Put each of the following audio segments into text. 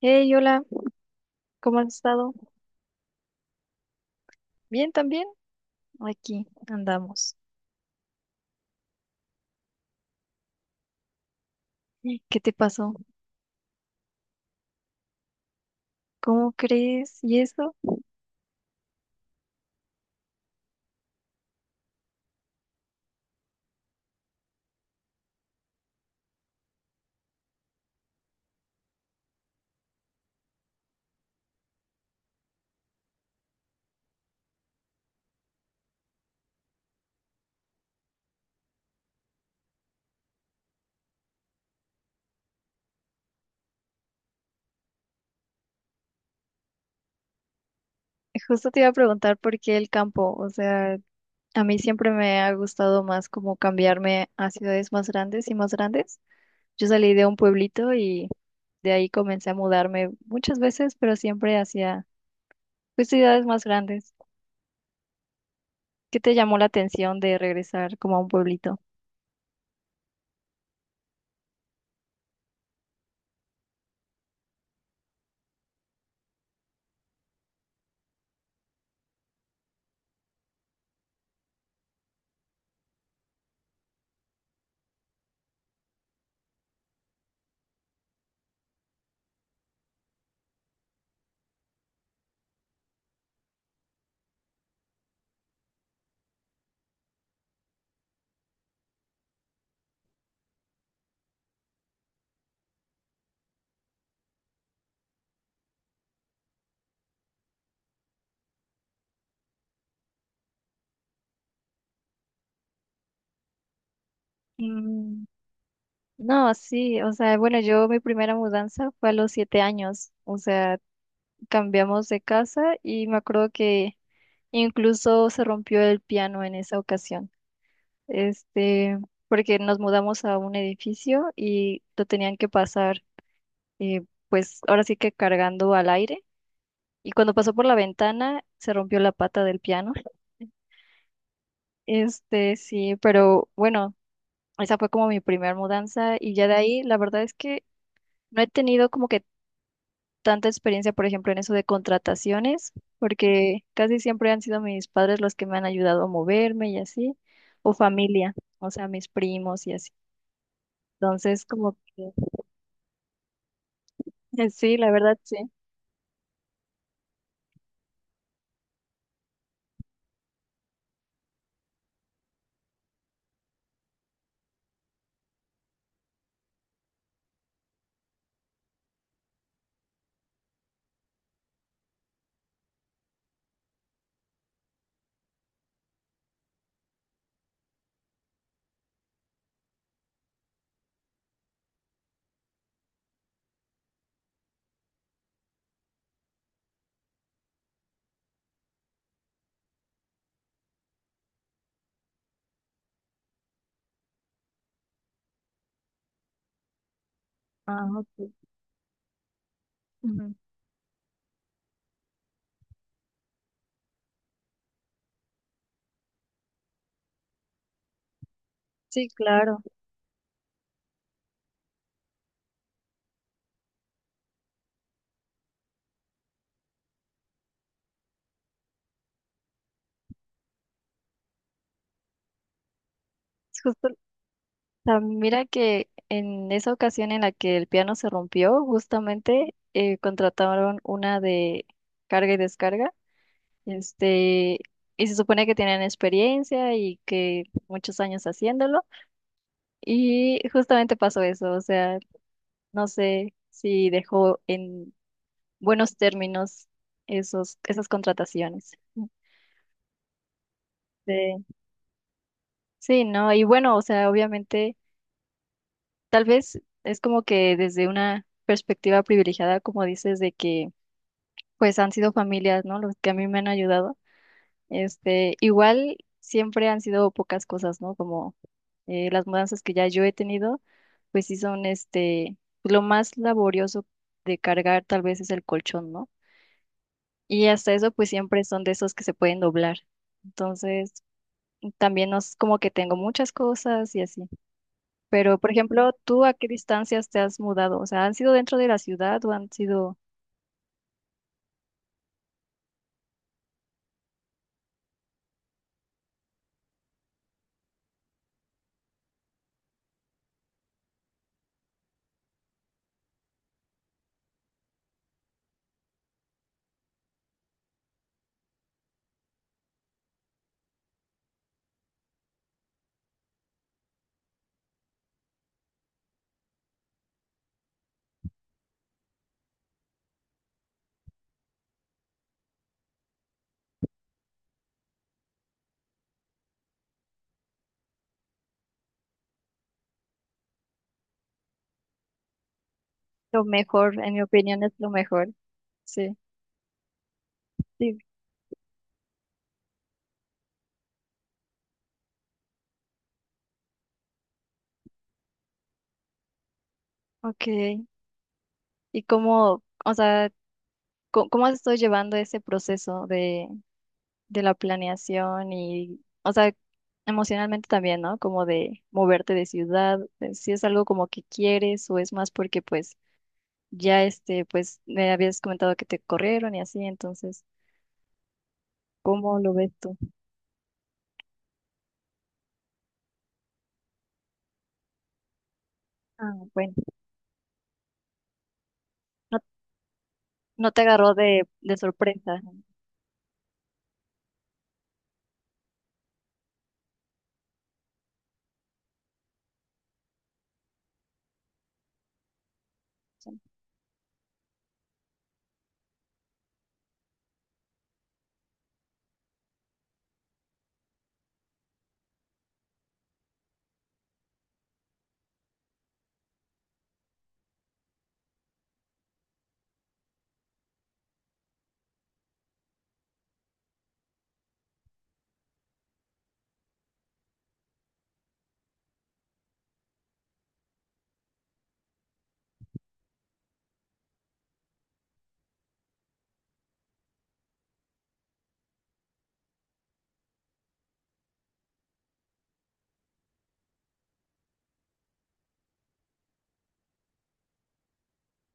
Hey, hola, ¿cómo has estado? Bien, también. Aquí andamos. ¿Qué te pasó? ¿Cómo crees? ¿Y eso? Justo te iba a preguntar por qué el campo. O sea, a mí siempre me ha gustado más como cambiarme a ciudades más grandes y más grandes. Yo salí de un pueblito y de ahí comencé a mudarme muchas veces, pero siempre hacia pues, ciudades más grandes. ¿Qué te llamó la atención de regresar como a un pueblito? Mm. No, sí, o sea, bueno, yo mi primera mudanza fue a los 7 años, o sea, cambiamos de casa y me acuerdo que incluso se rompió el piano en esa ocasión, este, porque nos mudamos a un edificio y lo tenían que pasar, eh, pues ahora sí que cargando al aire y cuando pasó por la ventana se rompió la pata del piano, sí, pero bueno, esa fue como mi primera mudanza y ya de ahí la verdad es que no he tenido como que tanta experiencia, por ejemplo, en eso de contrataciones, porque casi siempre han sido mis padres los que me han ayudado a moverme y así, o familia, o sea, mis primos y así. Entonces, como que sí, la verdad sí. Ah, ok. Ujú. Sí, claro. Es justo, o sea, mira que en esa ocasión en la que el piano se rompió, justamente contrataron una de carga y descarga. Este, y se supone que tienen experiencia y que muchos años haciéndolo. Y justamente pasó eso, o sea, no sé si dejó en buenos términos esas contrataciones. Sí, sí, ¿no? Y bueno, o sea, obviamente, tal vez es como que desde una perspectiva privilegiada, como dices, de que pues han sido familias, ¿no? Los que a mí me han ayudado. Igual siempre han sido pocas cosas, ¿no? Como las mudanzas que ya yo he tenido, pues sí son lo más laborioso de cargar tal vez es el colchón, ¿no? Y hasta eso, pues siempre son de esos que se pueden doblar. Entonces, también no es como que tengo muchas cosas y así. Pero, por ejemplo, ¿tú a qué distancias te has mudado? O sea, ¿han sido dentro de la ciudad o han sido lo mejor? En mi opinión, es lo mejor. Sí. Sí. Ok. O sea, ¿cómo has estado llevando ese proceso de la planeación y, o sea, emocionalmente también, ¿no? Como de moverte de ciudad, si es algo como que quieres o es más porque pues ya pues me habías comentado que te corrieron y así, entonces, ¿cómo lo ves tú? Ah, bueno, no, no te agarró de sorpresa.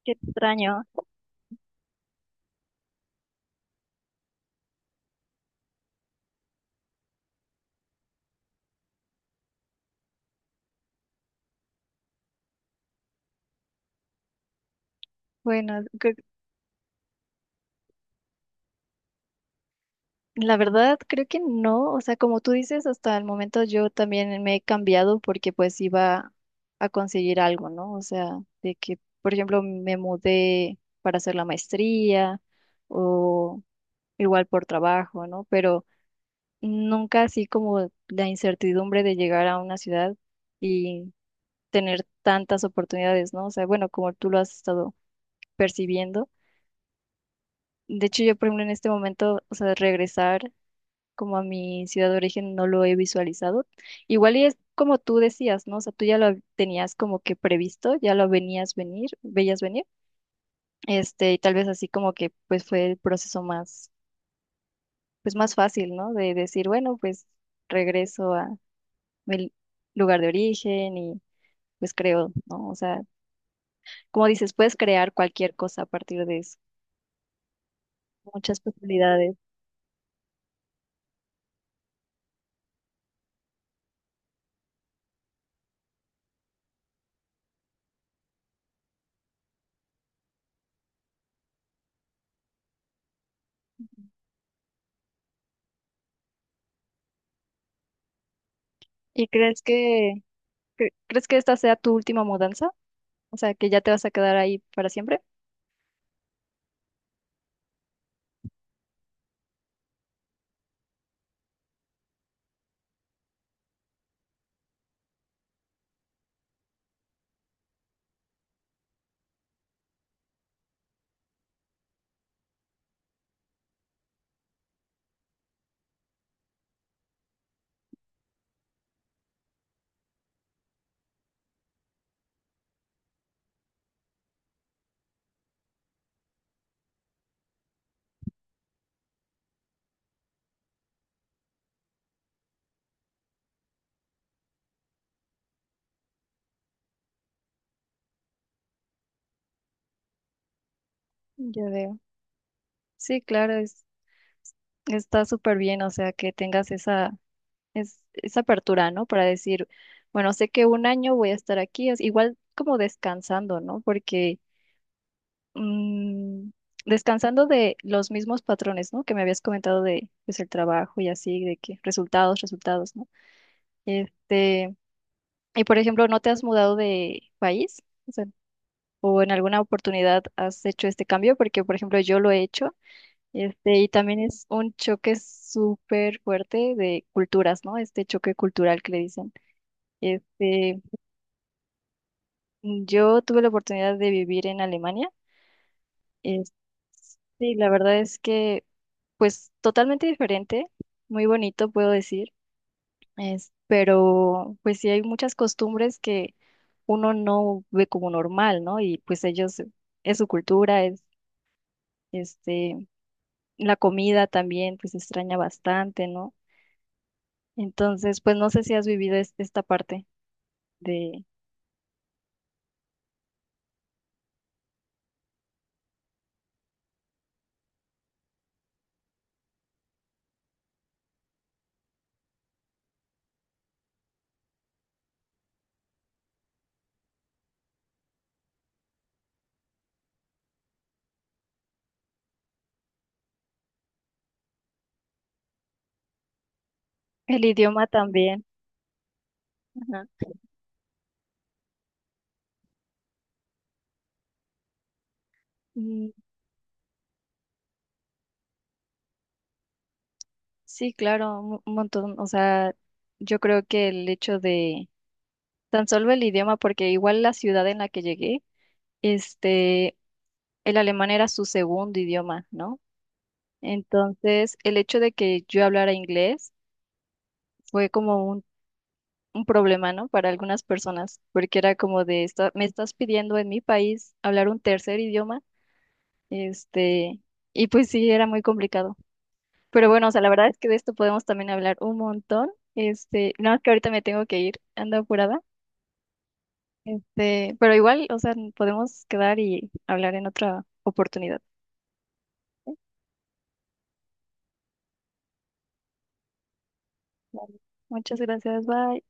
Qué extraño. Bueno, la verdad, creo que no. O sea, como tú dices, hasta el momento yo también me he cambiado porque pues iba a conseguir algo, ¿no? O sea, de que, por ejemplo, me mudé para hacer la maestría o igual por trabajo, ¿no? Pero nunca así como la incertidumbre de llegar a una ciudad y tener tantas oportunidades, ¿no? O sea, bueno, como tú lo has estado percibiendo. De hecho, yo, por ejemplo, en este momento, o sea, regresar como a mi ciudad de origen no lo he visualizado. Igual y es como tú decías, ¿no? O sea, tú ya lo tenías como que previsto, ya lo veías venir, y tal vez así como que pues fue el proceso más, pues más fácil, ¿no? De decir, bueno, pues regreso a mi lugar de origen y pues creo, ¿no? O sea, como dices, puedes crear cualquier cosa a partir de eso, muchas posibilidades. ¿Y crees que, crees que esta sea tu última mudanza? ¿O sea, que ya te vas a quedar ahí para siempre? Ya veo. Sí, claro, está súper bien, o sea, que tengas esa apertura, ¿no? Para decir, bueno, sé que un año voy a estar aquí, es igual como descansando, ¿no? Porque mm, descansando de los mismos patrones, ¿no? Que me habías comentado de, pues, el trabajo y así, de que resultados, resultados, ¿no? Este, y por ejemplo, ¿no te has mudado de país? O sea, o en alguna oportunidad has hecho este cambio, porque por ejemplo yo lo he hecho. Y también es un choque súper fuerte de culturas, ¿no? Este choque cultural que le dicen. Este, yo tuve la oportunidad de vivir en Alemania. Es- sí, la verdad es que, pues, totalmente diferente, muy bonito, puedo decir. Pero, pues, sí hay muchas costumbres que uno no ve como normal, ¿no? Y pues ellos, es su cultura, este, la comida también, pues, se extraña bastante, ¿no? Entonces, pues no sé si has vivido esta parte de. El idioma también. Ajá. Mm. Sí, claro, un montón. O sea, yo creo que el hecho de tan solo el idioma, porque igual la ciudad en la que llegué, este, el alemán era su segundo idioma, ¿no? Entonces, el hecho de que yo hablara inglés fue como un problema, ¿no? Para algunas personas, porque era como de, Me estás pidiendo en mi país hablar un tercer idioma". Este, y pues sí, era muy complicado. Pero bueno, o sea, la verdad es que de esto podemos también hablar un montón. Nada más que ahorita me tengo que ir, ando apurada. Pero igual, o sea, podemos quedar y hablar en otra oportunidad. Vale. Muchas gracias, bye.